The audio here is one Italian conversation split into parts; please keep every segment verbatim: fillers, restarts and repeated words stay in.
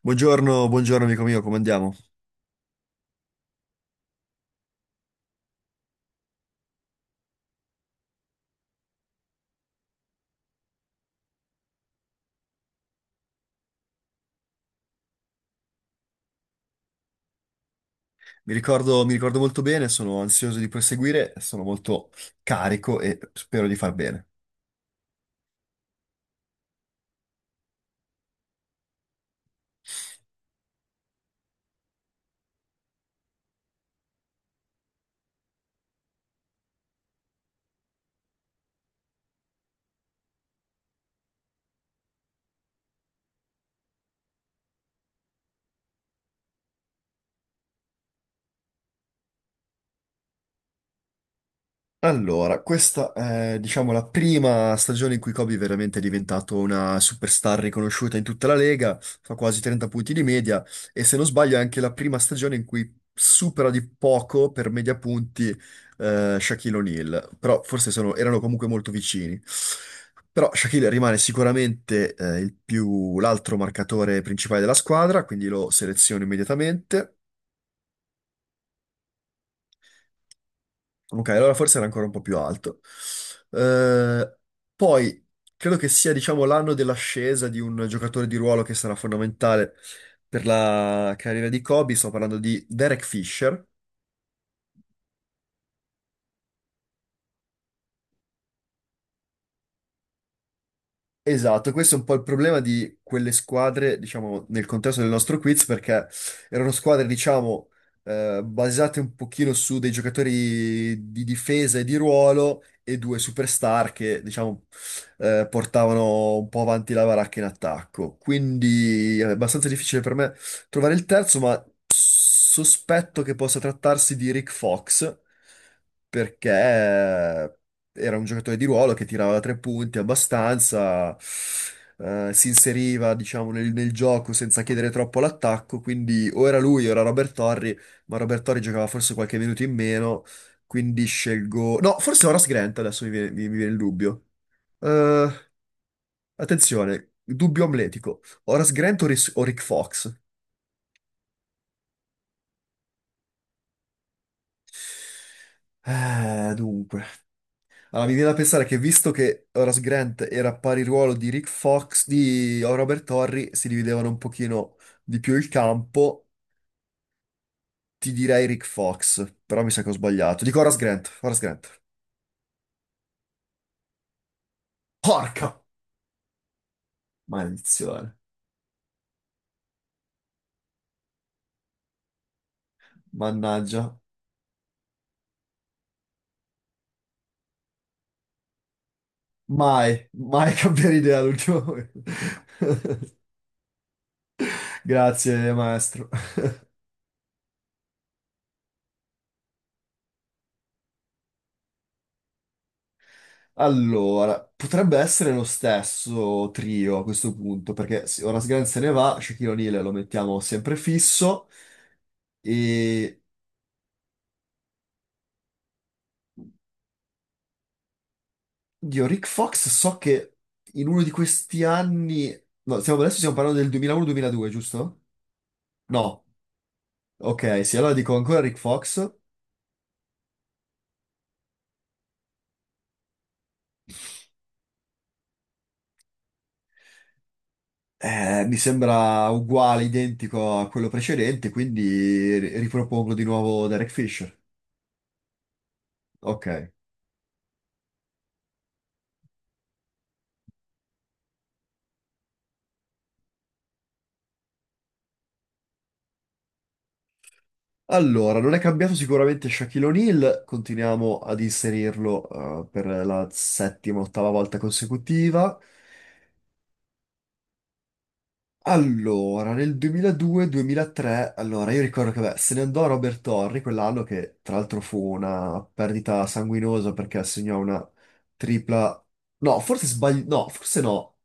Buongiorno, buongiorno amico mio, come andiamo? Mi ricordo, mi ricordo molto bene, sono ansioso di proseguire, sono molto carico e spero di far bene. Allora, questa è, diciamo, la prima stagione in cui Kobe è veramente diventato una superstar riconosciuta in tutta la Lega, fa quasi trenta punti di media e se non sbaglio è anche la prima stagione in cui supera di poco per media punti eh, Shaquille O'Neal, però forse sono- erano comunque molto vicini. Però Shaquille rimane sicuramente eh, il più- l'altro marcatore principale della squadra, quindi lo seleziono immediatamente. Ok, allora forse era ancora un po' più alto. Eh, poi Credo che sia, diciamo, l'anno dell'ascesa di un giocatore di ruolo che sarà fondamentale per la carriera di Kobe. Sto parlando di Derek Fisher. Esatto, questo è un po' il problema di quelle squadre, diciamo, nel contesto del nostro quiz, perché erano squadre, diciamo, eh, basate un pochino su dei giocatori di difesa e di ruolo e due superstar che, diciamo, eh, portavano un po' avanti la baracca in attacco. Quindi è abbastanza difficile per me trovare il terzo, ma sospetto che possa trattarsi di Rick Fox, perché era un giocatore di ruolo che tirava da tre punti abbastanza, eh, si inseriva, diciamo, nel, nel gioco senza chiedere troppo all'attacco, quindi o era lui o era Robert Torri, ma Robert Torri giocava forse qualche minuto in meno, quindi scelgo... No, forse Horace Grant, adesso mi viene, mi- mi viene il dubbio. Eh, attenzione, dubbio amletico. Horace Grant o, Ris- o Rick Fox? Eh, dunque... Allora, mi viene da pensare che visto che Horace Grant era pari ruolo di Rick Fox, di Robert Horry, si dividevano un pochino di più il campo, ti direi Rick Fox, però mi sa che ho sbagliato. Dico Horace Grant, Horace Grant. Porca maledizione, mannaggia. Mai, mai cambiare idea all'ultimo momento. Grazie, maestro. Allora, potrebbe essere lo stesso trio a questo punto, perché se ora Sgan se ne va, Shaquille O'Neal lo mettiamo sempre fisso e dio, Rick Fox so che in uno di questi anni, no, stiamo, adesso stiamo parlando del duemilauno-duemiladue, giusto? No, ok, sì, allora dico ancora Rick Fox. Eh, mi sembra uguale, identico a quello precedente, quindi ri- ripropongo di nuovo Derek Fisher. Ok. Allora, non è cambiato sicuramente Shaquille O'Neal, continuiamo ad inserirlo eh, per la settima, ottava volta consecutiva. Allora, nel duemiladue-duemilatré, allora io ricordo che beh, se ne andò Robert Torri quell'anno che tra l'altro fu una perdita sanguinosa perché assegnò una tripla... No, forse sbaglio... No, forse no.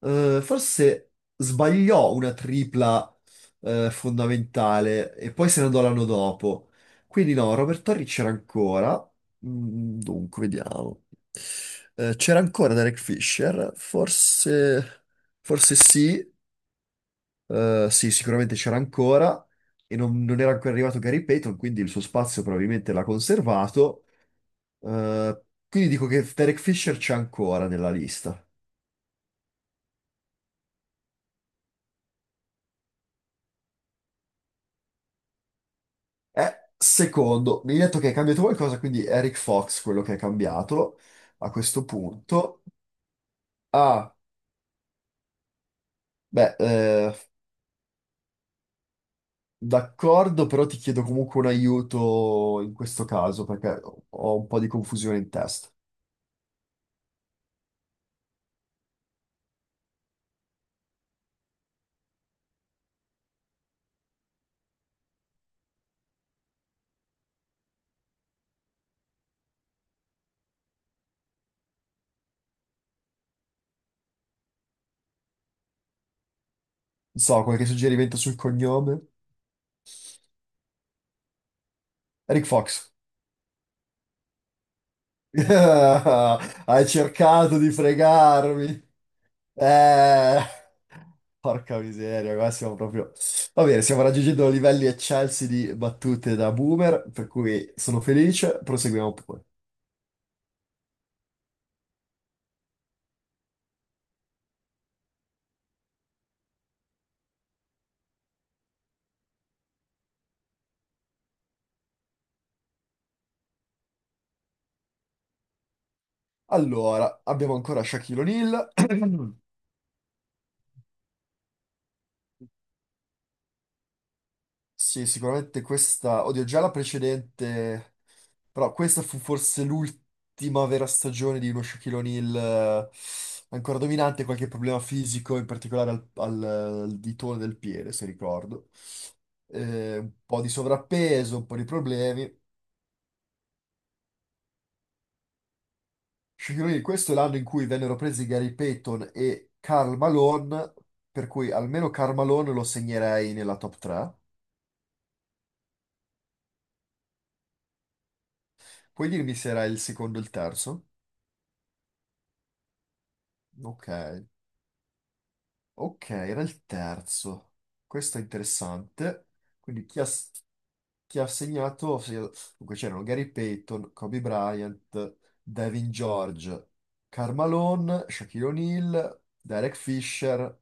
Eh, forse sbagliò una tripla eh, fondamentale e poi se ne andò l'anno dopo. Quindi no, Robert Torri c'era ancora. Mm, dunque, vediamo. Eh, c'era ancora Derek Fisher, forse, forse sì. Eh, sì, sicuramente c'era ancora e non, non era ancora arrivato Gary Payton, quindi il suo spazio probabilmente l'ha conservato. Eh, quindi dico che Derek Fisher c'è ancora nella lista. Eh, secondo, mi hai detto che è cambiato qualcosa, quindi Eric Fox, quello che è cambiato a questo punto. Ah, beh, eh, d'accordo, però ti chiedo comunque un aiuto in questo caso, perché ho un po' di confusione in testa. Non so, qualche suggerimento sul cognome? Eric Fox. Hai cercato di fregarmi. Eh, porca miseria, qua siamo proprio... Va bene, stiamo raggiungendo livelli eccelsi di battute da boomer, per cui sono felice, proseguiamo pure. Allora, abbiamo ancora Shaquille O'Neal. Sì, sicuramente questa... Oddio, già la precedente... Però questa fu forse l'ultima vera stagione di uno Shaquille O'Neal eh, ancora dominante, qualche problema fisico, in particolare al, al- al ditone del piede, se ricordo. Eh, un po' di sovrappeso, un po' di problemi. Shaquille O'Neal, questo è l'anno in cui vennero presi Gary Payton e Karl Malone, per cui almeno Karl Malone lo segnerei nella top tre. Puoi dirmi se era il secondo o il terzo? Ok. Ok, era il terzo. Questo è interessante. Quindi chi ha, chi ha segnato? ha segnato- Dunque c'erano Gary Payton, Kobe Bryant, Devin George, Karl Malone, Shaquille O'Neal, Derek Fisher.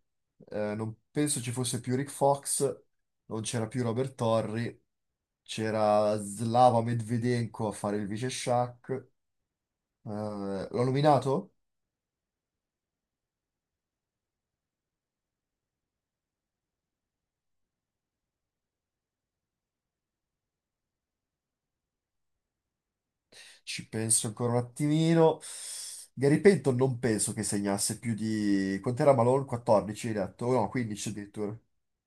Eh, non penso ci fosse più Rick Fox, non c'era più Robert Torrey, c'era Slava Medvedenko a fare il vice Shaq. Eh, l'ho nominato? Ci penso ancora un attimino. Gary Payton non penso che segnasse più di... Quant'era Malone? quattordici, hai detto? No, quindici addirittura.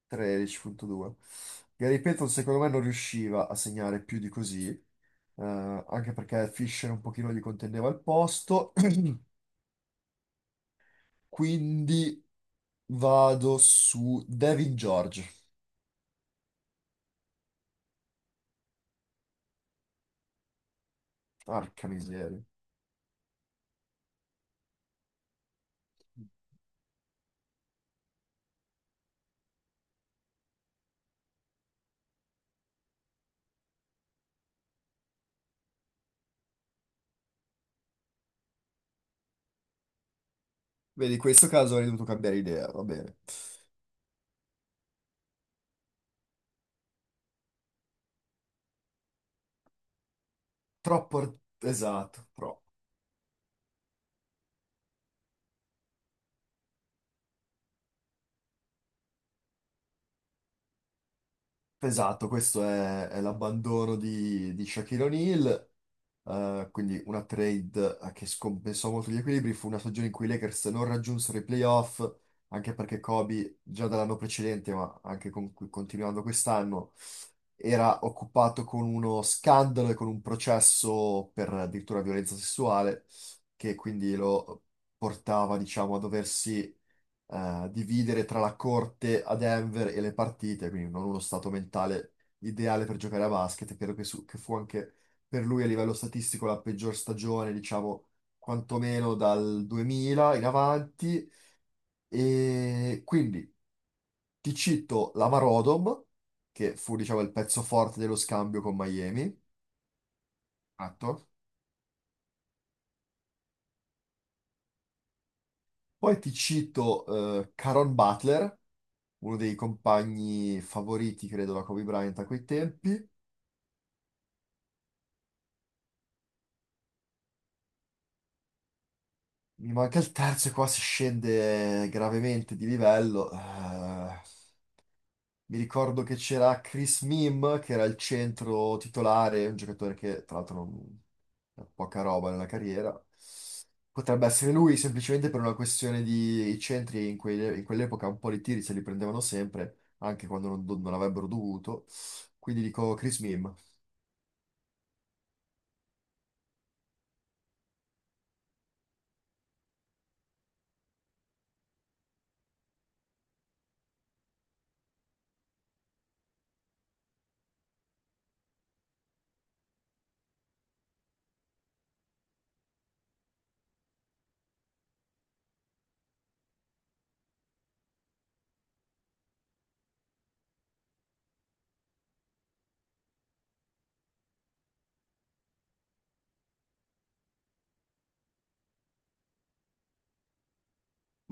tredici virgola due. Gary Payton secondo me non riusciva a segnare più di così, eh, anche perché Fisher un pochino gli contendeva il posto. Quindi vado su Devin George. Porca miseria. Vedi, in questo caso avrei dovuto cambiare idea, va bene. Troppo... Esatto, troppo. Esatto, questo è, è l'abbandono di, di Shaquille O'Neal, eh, quindi una trade eh, che scompensò molto gli equilibri, fu una stagione in cui i Lakers non raggiunsero i playoff, anche perché Kobe già dall'anno precedente, ma anche con- continuando quest'anno, era occupato con uno scandalo e con un processo per addirittura violenza sessuale, che quindi lo portava, diciamo, a doversi eh, dividere tra la corte a Denver e le partite, quindi non uno stato mentale ideale per giocare a basket. Credo che, su- che fu anche per lui a livello statistico la peggior stagione, diciamo, quantomeno dal duemila in avanti. E quindi ti cito la Marodom, che fu, diciamo, il pezzo forte dello scambio con Miami. Esatto. Poi ti cito eh, Caron Butler, uno dei compagni favoriti, credo, da Kobe Bryant a quei tempi. Mi manca il terzo e qua si scende gravemente di livello. Eh, mi ricordo che c'era Chris Mim, che era il centro titolare, un giocatore che tra l'altro non ha poca roba nella carriera. Potrebbe essere lui semplicemente per una questione di i centri in, quelle- in quell'epoca un po' di tiri se li prendevano sempre, anche quando non, non avrebbero dovuto. Quindi dico Chris Mim.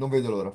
Non vedo l'ora.